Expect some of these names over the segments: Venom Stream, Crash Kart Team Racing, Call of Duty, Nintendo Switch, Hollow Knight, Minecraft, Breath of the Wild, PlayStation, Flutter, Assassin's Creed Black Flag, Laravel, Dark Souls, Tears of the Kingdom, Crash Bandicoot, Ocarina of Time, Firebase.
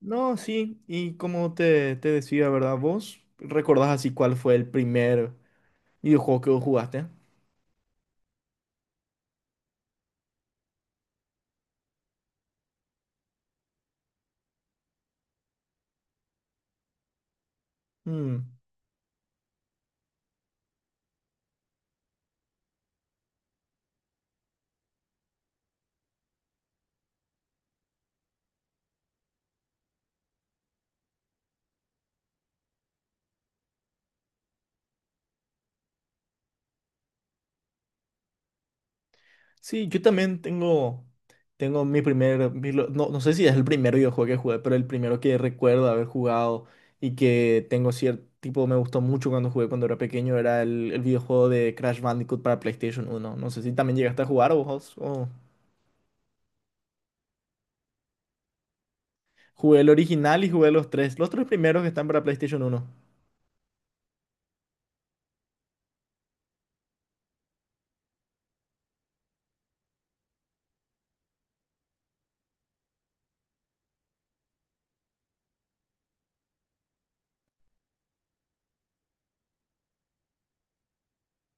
No, sí, y como te decía, ¿verdad? ¿Vos recordás así cuál fue el primer videojuego que vos jugaste? Mm. Sí, yo también tengo, mi primer, mi lo- no sé si es el primer videojuego que jugué, pero el primero que recuerdo haber jugado y que tengo cierto tipo, me gustó mucho cuando jugué cuando era pequeño, era el videojuego de Crash Bandicoot para PlayStation 1. No sé si también llegaste a jugar o vos. Jugué el original y jugué los tres primeros que están para PlayStation 1.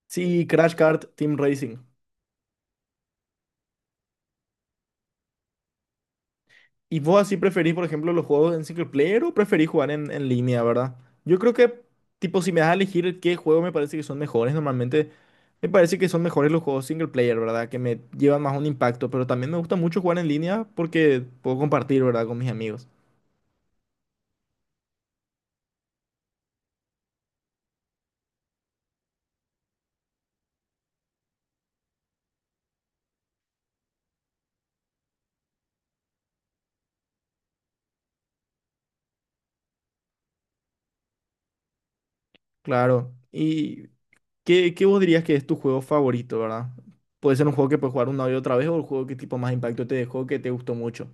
Sí, Crash Kart Team Racing. ¿Y vos así preferís, por ejemplo, los juegos en single player o preferís jugar en línea, verdad? Yo creo que, tipo, si me das a elegir qué juego me parece que son mejores, normalmente me parece que son mejores los juegos single player, ¿verdad? Que me llevan más un impacto, pero también me gusta mucho jugar en línea porque puedo compartir, ¿verdad? Con mis amigos. Claro. ¿Y qué vos dirías que es tu juego favorito, ¿verdad? Puede ser un juego que puedes jugar una y otra vez o el juego que tipo más impacto te dejó, que te gustó mucho.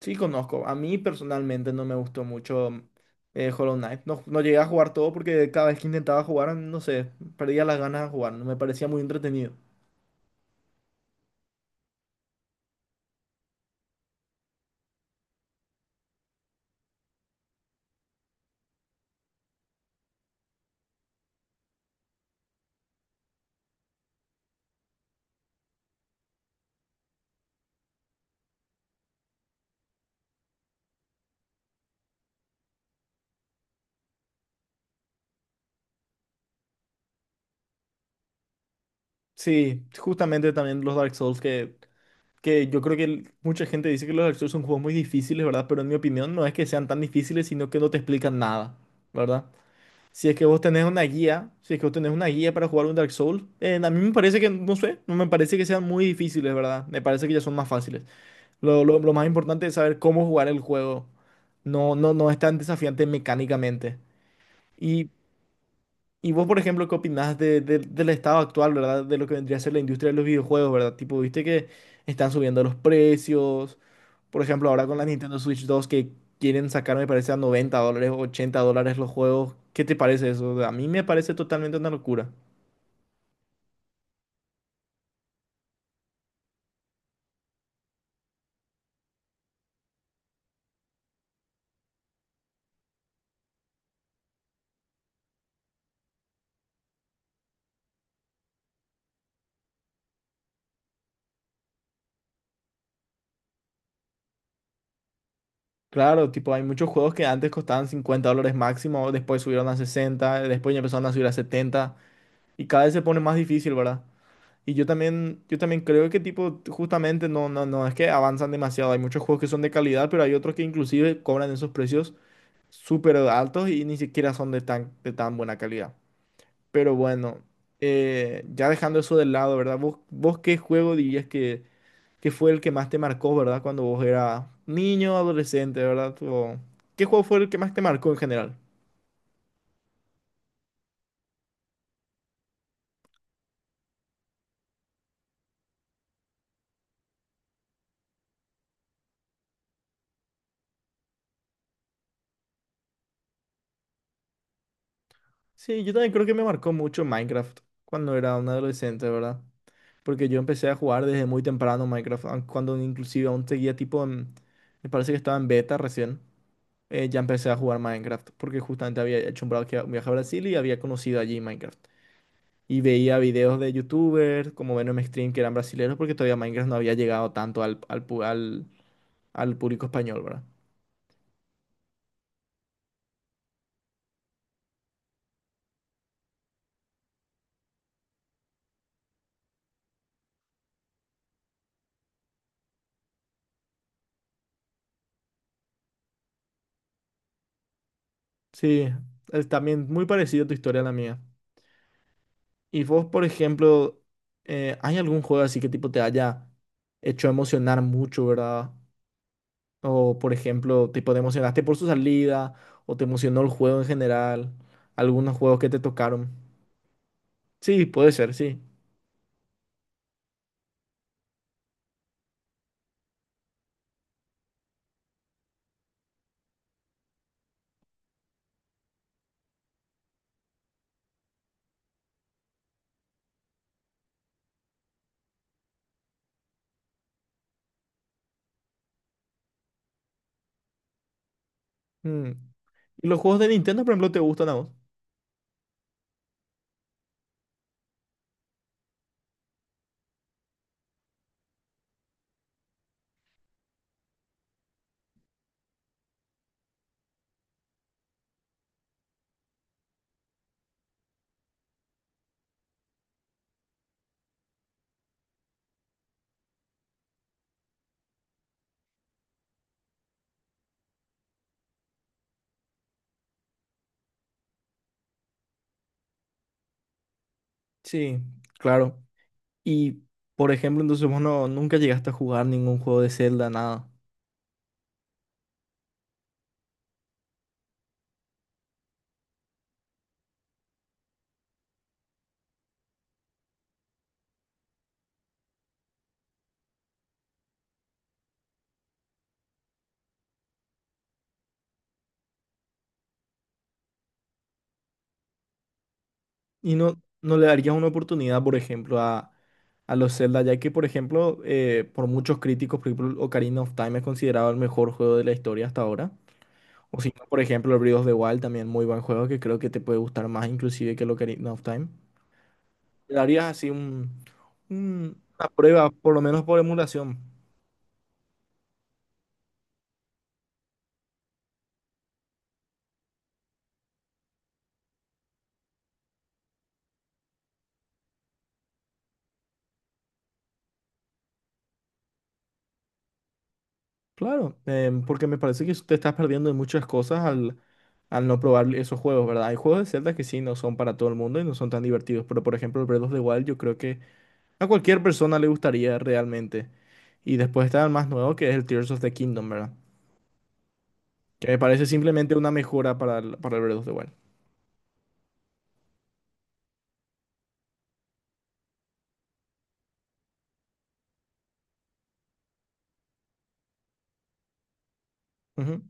Sí, conozco. A mí personalmente no me gustó mucho Hollow Knight. No llegué a jugar todo porque cada vez que intentaba jugar, no sé, perdía las ganas de jugar. No me parecía muy entretenido. Sí, justamente también los Dark Souls, que yo creo que mucha gente dice que los Dark Souls son juegos muy difíciles, ¿verdad? Pero en mi opinión no es que sean tan difíciles, sino que no te explican nada, ¿verdad? Si es que vos tenés una guía, Si es que vos tenés una guía para jugar un Dark Souls, a mí me parece que, no sé, no me parece que sean muy difíciles, ¿verdad? Me parece que ya son más fáciles. Lo más importante es saber cómo jugar el juego. No es tan desafiante mecánicamente. Y, y vos, por ejemplo, ¿qué opinás del estado actual, ¿verdad? De lo que vendría a ser la industria de los videojuegos, ¿verdad? Tipo, viste que están subiendo los precios. Por ejemplo, ahora con la Nintendo Switch 2 que quieren sacar, me parece, a $90, o $80 los juegos. ¿Qué te parece eso? A mí me parece totalmente una locura. Claro, tipo, hay muchos juegos que antes costaban $50 máximo, después subieron a 60, después ya empezaron a subir a 70. Y cada vez se pone más difícil, ¿verdad? Y yo también creo que tipo, justamente no, es que avanzan demasiado. Hay muchos juegos que son de calidad, pero hay otros que inclusive cobran esos precios súper altos y ni siquiera son de tan buena calidad. Pero bueno, ya dejando eso de lado, ¿verdad? ¿Vos qué juego dirías que fue el que más te marcó, ¿verdad? Cuando vos eras niño, adolescente, ¿verdad? O, ¿qué juego fue el que más te marcó en general? Sí, yo también creo que me marcó mucho Minecraft cuando era un adolescente, ¿verdad? Porque yo empecé a jugar desde muy temprano Minecraft, aun cuando inclusive aún seguía tipo en, me parece que estaba en beta recién, ya empecé a jugar Minecraft, porque justamente había hecho un viaje a Brasil y había conocido allí Minecraft. Y veía videos de youtubers, como Venom Stream, que eran brasileños, porque todavía Minecraft no había llegado tanto al público español, ¿verdad? Sí, es también muy parecido tu historia a la mía. Y vos, por ejemplo, ¿hay algún juego así que tipo te haya hecho emocionar mucho, ¿verdad? O, por ejemplo, tipo, te emocionaste por su salida o te emocionó el juego en general. Algunos juegos que te tocaron. Sí, puede ser, sí. Mm. ¿Y los juegos de Nintendo, por ejemplo, te gustan a vos? Sí, claro. Y, por ejemplo, entonces vos no, nunca llegaste a jugar ningún juego de Zelda, nada. Y no le darías una oportunidad, por ejemplo, a los Zelda, ya que, por ejemplo, por muchos críticos, por ejemplo, Ocarina of Time es considerado el mejor juego de la historia hasta ahora. O si no, por ejemplo, el Breath of the Wild, también muy buen juego que creo que te puede gustar más inclusive que el Ocarina of Time. Le darías así una prueba, por lo menos por emulación. Claro, porque me parece que te estás perdiendo de muchas cosas al no probar esos juegos, ¿verdad? Hay juegos de Zelda que sí no son para todo el mundo y no son tan divertidos, pero por ejemplo, el Breath of the Wild yo creo que a cualquier persona le gustaría realmente. Y después está el más nuevo que es el Tears of the Kingdom, ¿verdad? Que me parece simplemente una mejora para el Breath of the Wild. Ujú.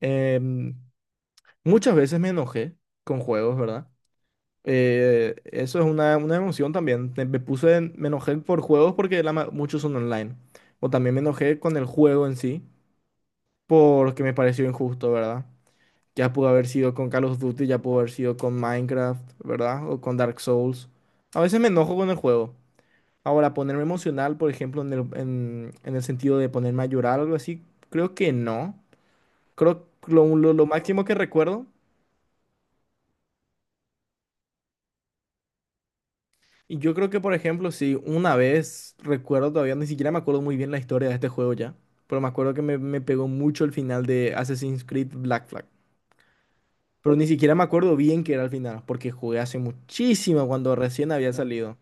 Em, Muchas veces me enojé con juegos, ¿verdad? Eso es una emoción también. Me puse, me enojé por juegos porque muchos son online. O también me enojé con el juego en sí porque me pareció injusto, ¿verdad? Ya pudo haber sido con Call of Duty, ya pudo haber sido con Minecraft, ¿verdad? O con Dark Souls. A veces me enojo con el juego. Ahora, ponerme emocional, por ejemplo, en el sentido de ponerme a llorar o algo así, creo que no. Creo que lo máximo que recuerdo. Y yo creo que, por ejemplo, si una vez, recuerdo todavía, ni siquiera me acuerdo muy bien la historia de este juego ya, pero me acuerdo que me pegó mucho el final de Assassin's Creed Black Flag. Pero ni siquiera me acuerdo bien qué era el final, porque jugué hace muchísimo cuando recién había salido.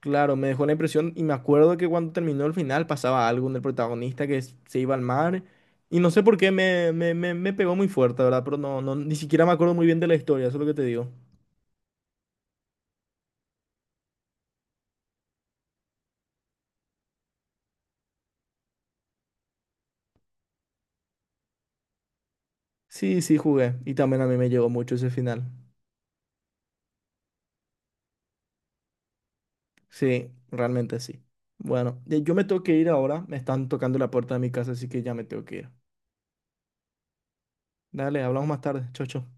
Claro, me dejó la impresión y me acuerdo que cuando terminó el final pasaba algo en el protagonista que se iba al mar y no sé por qué me pegó muy fuerte, ¿verdad? Pero no, ni siquiera me acuerdo muy bien de la historia, eso es lo que te digo. Sí, sí, jugué y también a mí me llegó mucho ese final. Sí, realmente sí. Bueno, yo me tengo que ir ahora. Me están tocando la puerta de mi casa, así que ya me tengo que ir. Dale, hablamos más tarde. Chau, chau.